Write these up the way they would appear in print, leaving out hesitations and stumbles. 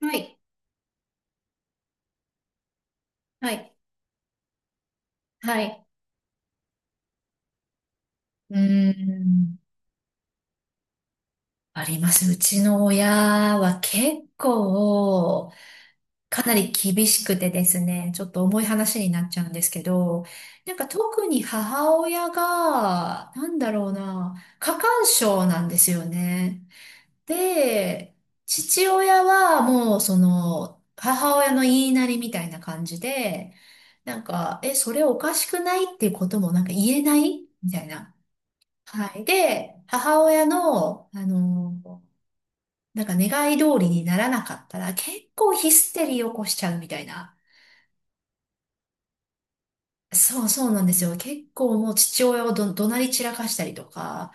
はい、はい、はい。うーん、あります。うちの親は結構、かなり厳しくてですね、ちょっと重い話になっちゃうんですけど、なんか特に母親が、なんだろうな、過干渉なんですよね。で、父親はもうその、母親の言いなりみたいな感じで、なんか、え、それおかしくないっていうこともなんか言えないみたいな。はい。で、母親の、なんか願い通りにならなかったら結構ヒステリー起こしちゃうみたいな。そうそうなんですよ。結構もう父親を怒鳴り散らかしたりとか、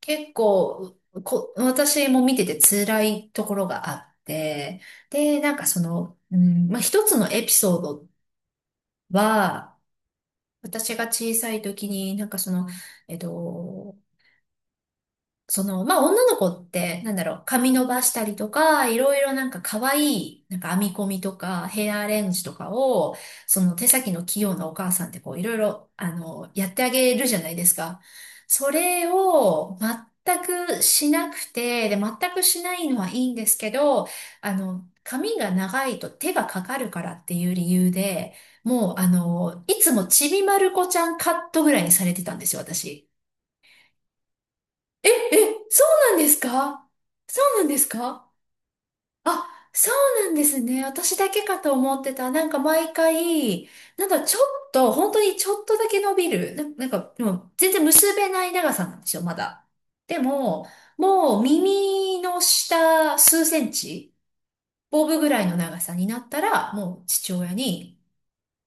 結構、私も見てて辛いところがあって、で、なんかその、うん、まあ、一つのエピソードは、私が小さい時に、なんかその、えっと、その、まあ、女の子って、なんだろう、髪伸ばしたりとか、いろいろなんか可愛い、なんか編み込みとか、ヘアアレンジとかを、その手先の器用なお母さんってこう、いろいろ、やってあげるじゃないですか。それを全くしなくて、で、全くしないのはいいんですけど、髪が長いと手がかかるからっていう理由で、もう、いつもちびまる子ちゃんカットぐらいにされてたんですよ、私。え、え、そうなんですか？そうなんですか？あ、そうなんですね。私だけかと思ってた。なんか毎回、なんかちょっと、本当にちょっとだけ伸びる。なんか、もう全然結べない長さなんですよ、まだ。でも、もう耳の下数センチ、ボブぐらいの長さになったら、もう父親に、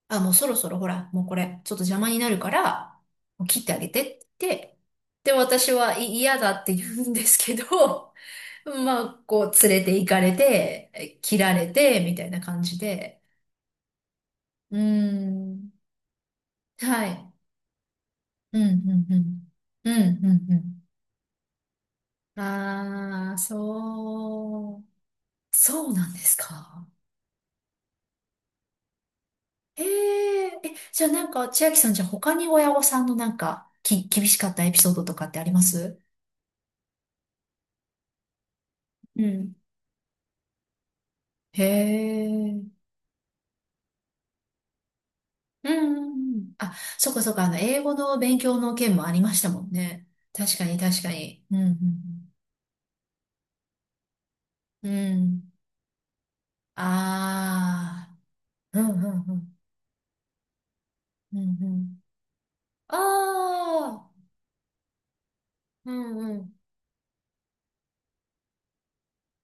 あ、もうそろそろほら、もうこれ、ちょっと邪魔になるから、もう切ってあげてって言って、で、私はい嫌だって言うんですけど、まあ、こう、連れて行かれて、切られて、みたいな感じで。うーん。はい。うん、うん、うん。うん、うん、うん。ああ、そう。そうなんですか？ええ、え、じゃあなんか、千秋さん、じゃあ他に親御さんのなんか、厳しかったエピソードとかってあります？うん。へえ。うんうんうん。あ、そっかそっか、英語の勉強の件もありましたもんね。確かに確かに。うんうんうん。うん、ああ、うんうんうん、うんうん。ああ、うんうん、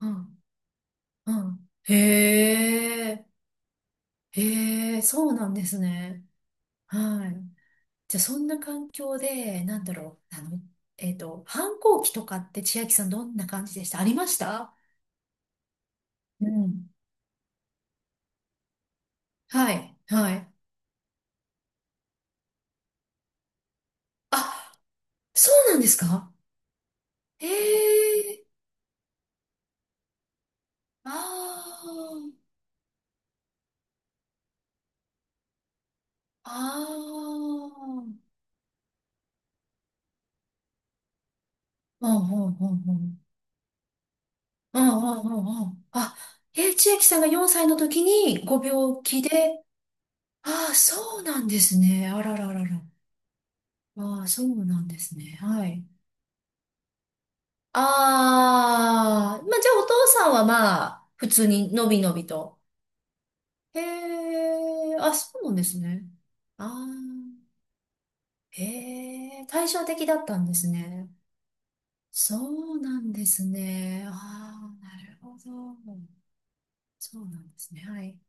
うん、うん。へえ、へえ、そうなんですね。はい。じゃあ、そんな環境で、なんだろう、反抗期とかって千秋さんどんな感じでした？ありました？うん。はい、はい。あ、そうなんですか？へえ、ああ、ああ、うんうんうんうん。うんうんうんうん。あ、え、千秋さんが4歳の時にご病気で、ああ、そうなんですね。あらららら。ああ、そうなんですね。はい。ああ、まあ、じゃあお父さんはまあ、普通にのびのびと。へえ、あ、そうなんですね。ああ、へえ、対照的だったんですね。そうなんですね。ああ、なるほど。そうなんですね。はい。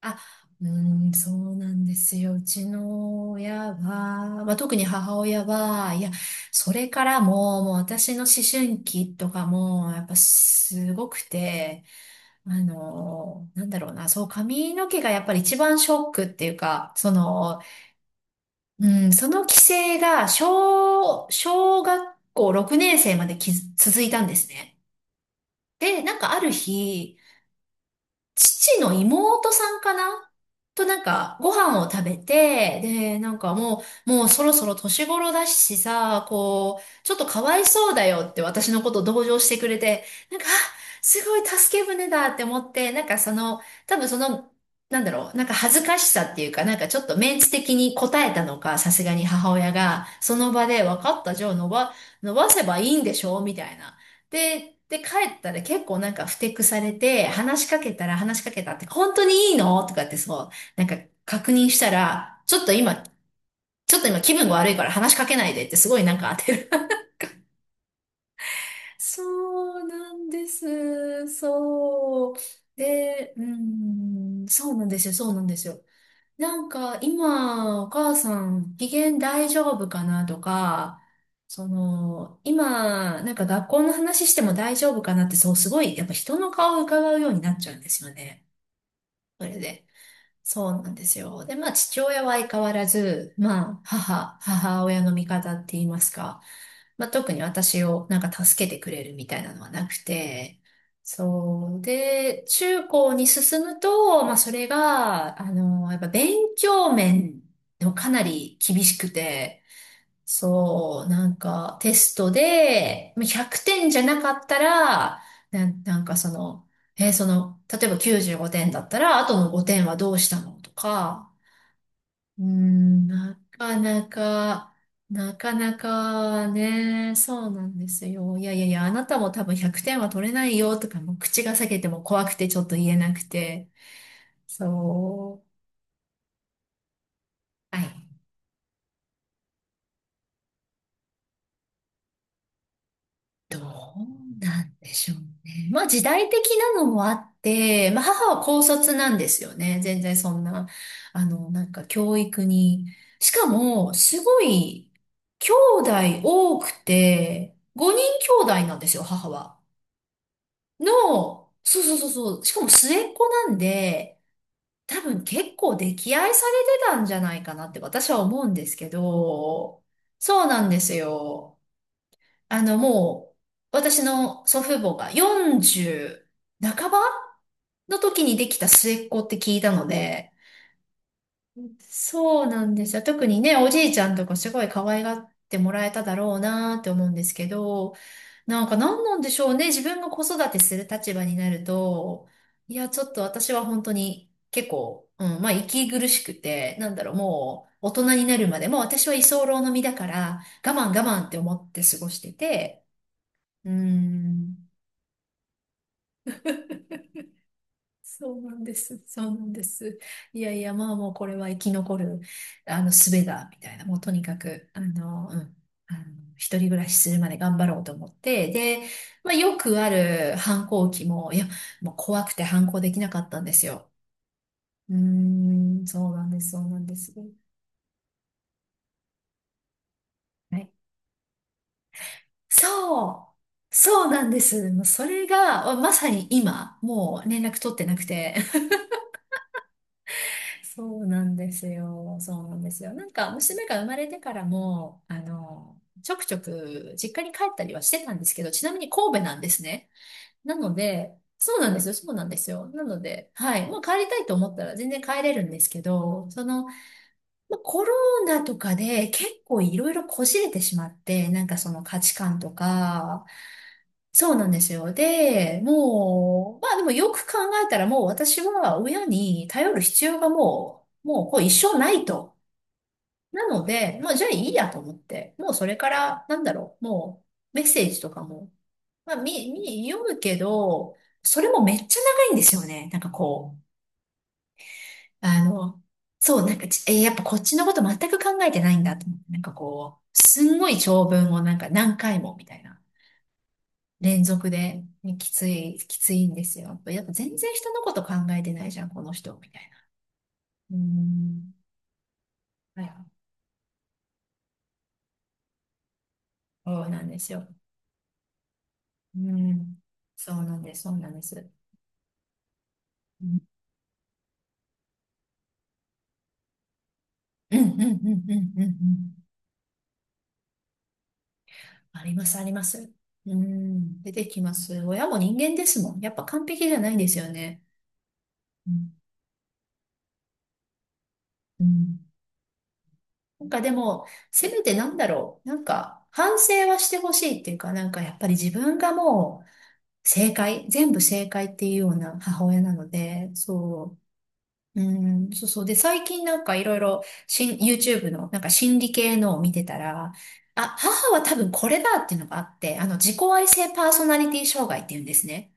あ、うーん、そうなんですよ。うちの親は、まあ、特に母親は、いや、それからも、もう私の思春期とかも、やっぱすごくて、なんだろうな、そう、髪の毛がやっぱり一番ショックっていうか、その、うん、その規制が、小学校6年生まできず続いたんですね。で、なんかある日、父の妹さんかなとなんか、ご飯を食べて、で、なんかもう、もうそろそろ年頃だしさ、こう、ちょっとかわいそうだよって私のこと同情してくれて、なんか、あ、すごい助け舟だって思って、なんかその、多分その、なんだろう、なんか恥ずかしさっていうか、なんかちょっとメンツ的に答えたのか、さすがに母親が、その場で分かった、じゃあ伸ばせばいいんでしょみたいな。で、帰ったら結構なんかふてくされて、話しかけたら話しかけたって、本当にいいのとかってそう、なんか確認したら、ちょっと今気分が悪いから話しかけないでってすごいなんか当てる。そうなんです。そう。で、うん、そうなんですよ、そうなんですよ。なんか今お母さん機嫌大丈夫かなとか、その今なんか学校の話しても大丈夫かなってそうすごいやっぱ人の顔を伺うようになっちゃうんですよね。それで。そうなんですよ。で、まあ、父親は相変わらず、まあ、母親の味方って言いますか、まあ、特に私をなんか助けてくれるみたいなのはなくて、そう。で、中高に進むと、まあ、それが、やっぱ勉強面でもかなり厳しくて、そう、なんかテストで、まあ100点じゃなかったら、なんかその、例えば95点だったら、あとの5点はどうしたのとか、うーん、なかなかね、そうなんですよ。いやいやいや、あなたも多分100点は取れないよとか、もう口が裂けても怖くてちょっと言えなくて、そう。はい、どうなんでしょうね。まあ時代的なのもあって、まあ母は高卒なんですよね。全然そんな、なんか教育に。しかも、すごい、兄弟多くて、5人兄弟なんですよ、母は。そうそうそうそう、しかも末っ子なんで、多分結構溺愛されてたんじゃないかなって私は思うんですけど、そうなんですよ。もう、私の祖父母が40半ばの時にできた末っ子って聞いたので、そうなんですよ。特にね、おじいちゃんとかすごい可愛がってもらえただろうなって思うんですけど、なんか何なんでしょうね。自分が子育てする立場になると、いや、ちょっと私は本当に結構、うん、まあ息苦しくて、なんだろう、もう大人になるまでもう私は居候の身だから、我慢我慢って思って過ごしてて、うん。そうなんです。そうなんです。いやいや、まあもうこれは生き残る、術だ、みたいな。もうとにかく、うん。あの、一人暮らしするまで頑張ろうと思って。で、まあよくある反抗期も、いや、もう怖くて反抗できなかったんですよ。うーん、そうなんです、そうなんです。はい。そう、そうなんです。もうそれが、まさに今、もう連絡取ってなくて。そうなんですよ。そうなんですよ。なんか、娘が生まれてからも、ちょくちょく実家に帰ったりはしてたんですけど、ちなみに神戸なんですね。なので、そうなんですよ。そうなんですよ。なので、はい。まあ、帰りたいと思ったら全然帰れるんですけど、その、まあ、コロナとかで結構いろいろこじれてしまって、なんかその価値観とか、そうなんですよ。で、もう、まあでもよく考えたらもう私は親に頼る必要がもう、もうこう一生ないと。なので、もうじゃあいいやと思って、もうそれから、なんだろう、もうメッセージとかも、まあ読むけど、それもめっちゃ長いんですよね。なんかこう、あの、そう、なんかち、えーやっぱこっちのこと全く考えてないんだと思って、なんかこう、すんごい長文をなんか何回もみたいな。連続で、ね、きつい、きついんですよ。やっぱ全然人のこと考えてないじゃん、この人、みたいな。うん。はい。そうなんですよ。うん。そうなんです、そうなんです。うん、うん、うん、うん、うん、うん。あります、あります。うん。出てきます。親も人間ですもん。やっぱ完璧じゃないんですよね。うん。うん。なんかでも、せめてなんだろう。なんか、反省はしてほしいっていうか、なんかやっぱり自分がもう、正解、全部正解っていうような母親なので、そう、うん、そうそう。で、最近なんかいろいろ、YouTube のなんか心理系のを見てたら、あ、母は多分これだっていうのがあって、自己愛性パーソナリティ障害っていうんですね。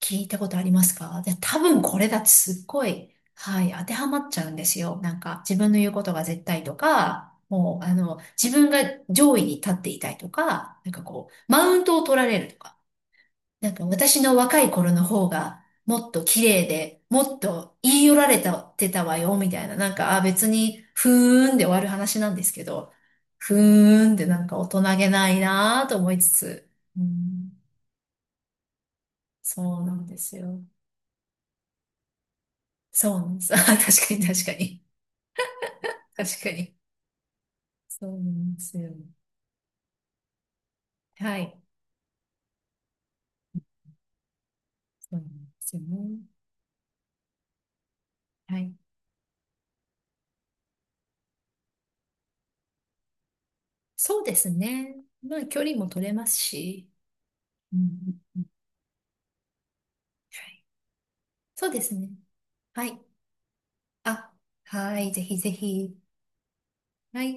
聞いたことありますか？で、多分これだってすっごい、はい、当てはまっちゃうんですよ。なんか、自分の言うことが絶対とか、もう、自分が上位に立っていたいとか、なんかこう、マウントを取られるとか。なんか私の若い頃の方がもっと綺麗で、もっと言い寄られたってたわよ、みたいな。なんか、あ、別に、ふーんで終わる話なんですけど、ふーんってなんか大人げないなぁと思いつつ、うん、そうなんですよ。そうなんです。あ、確かに確かに。確かに。そうなんですよ。はい。そうなんですよね。はい。そうですね。まあ、距離も取れますし。うん、うん、うん、はい。そうですね。はい。あ、はい、ぜひぜひ。はい。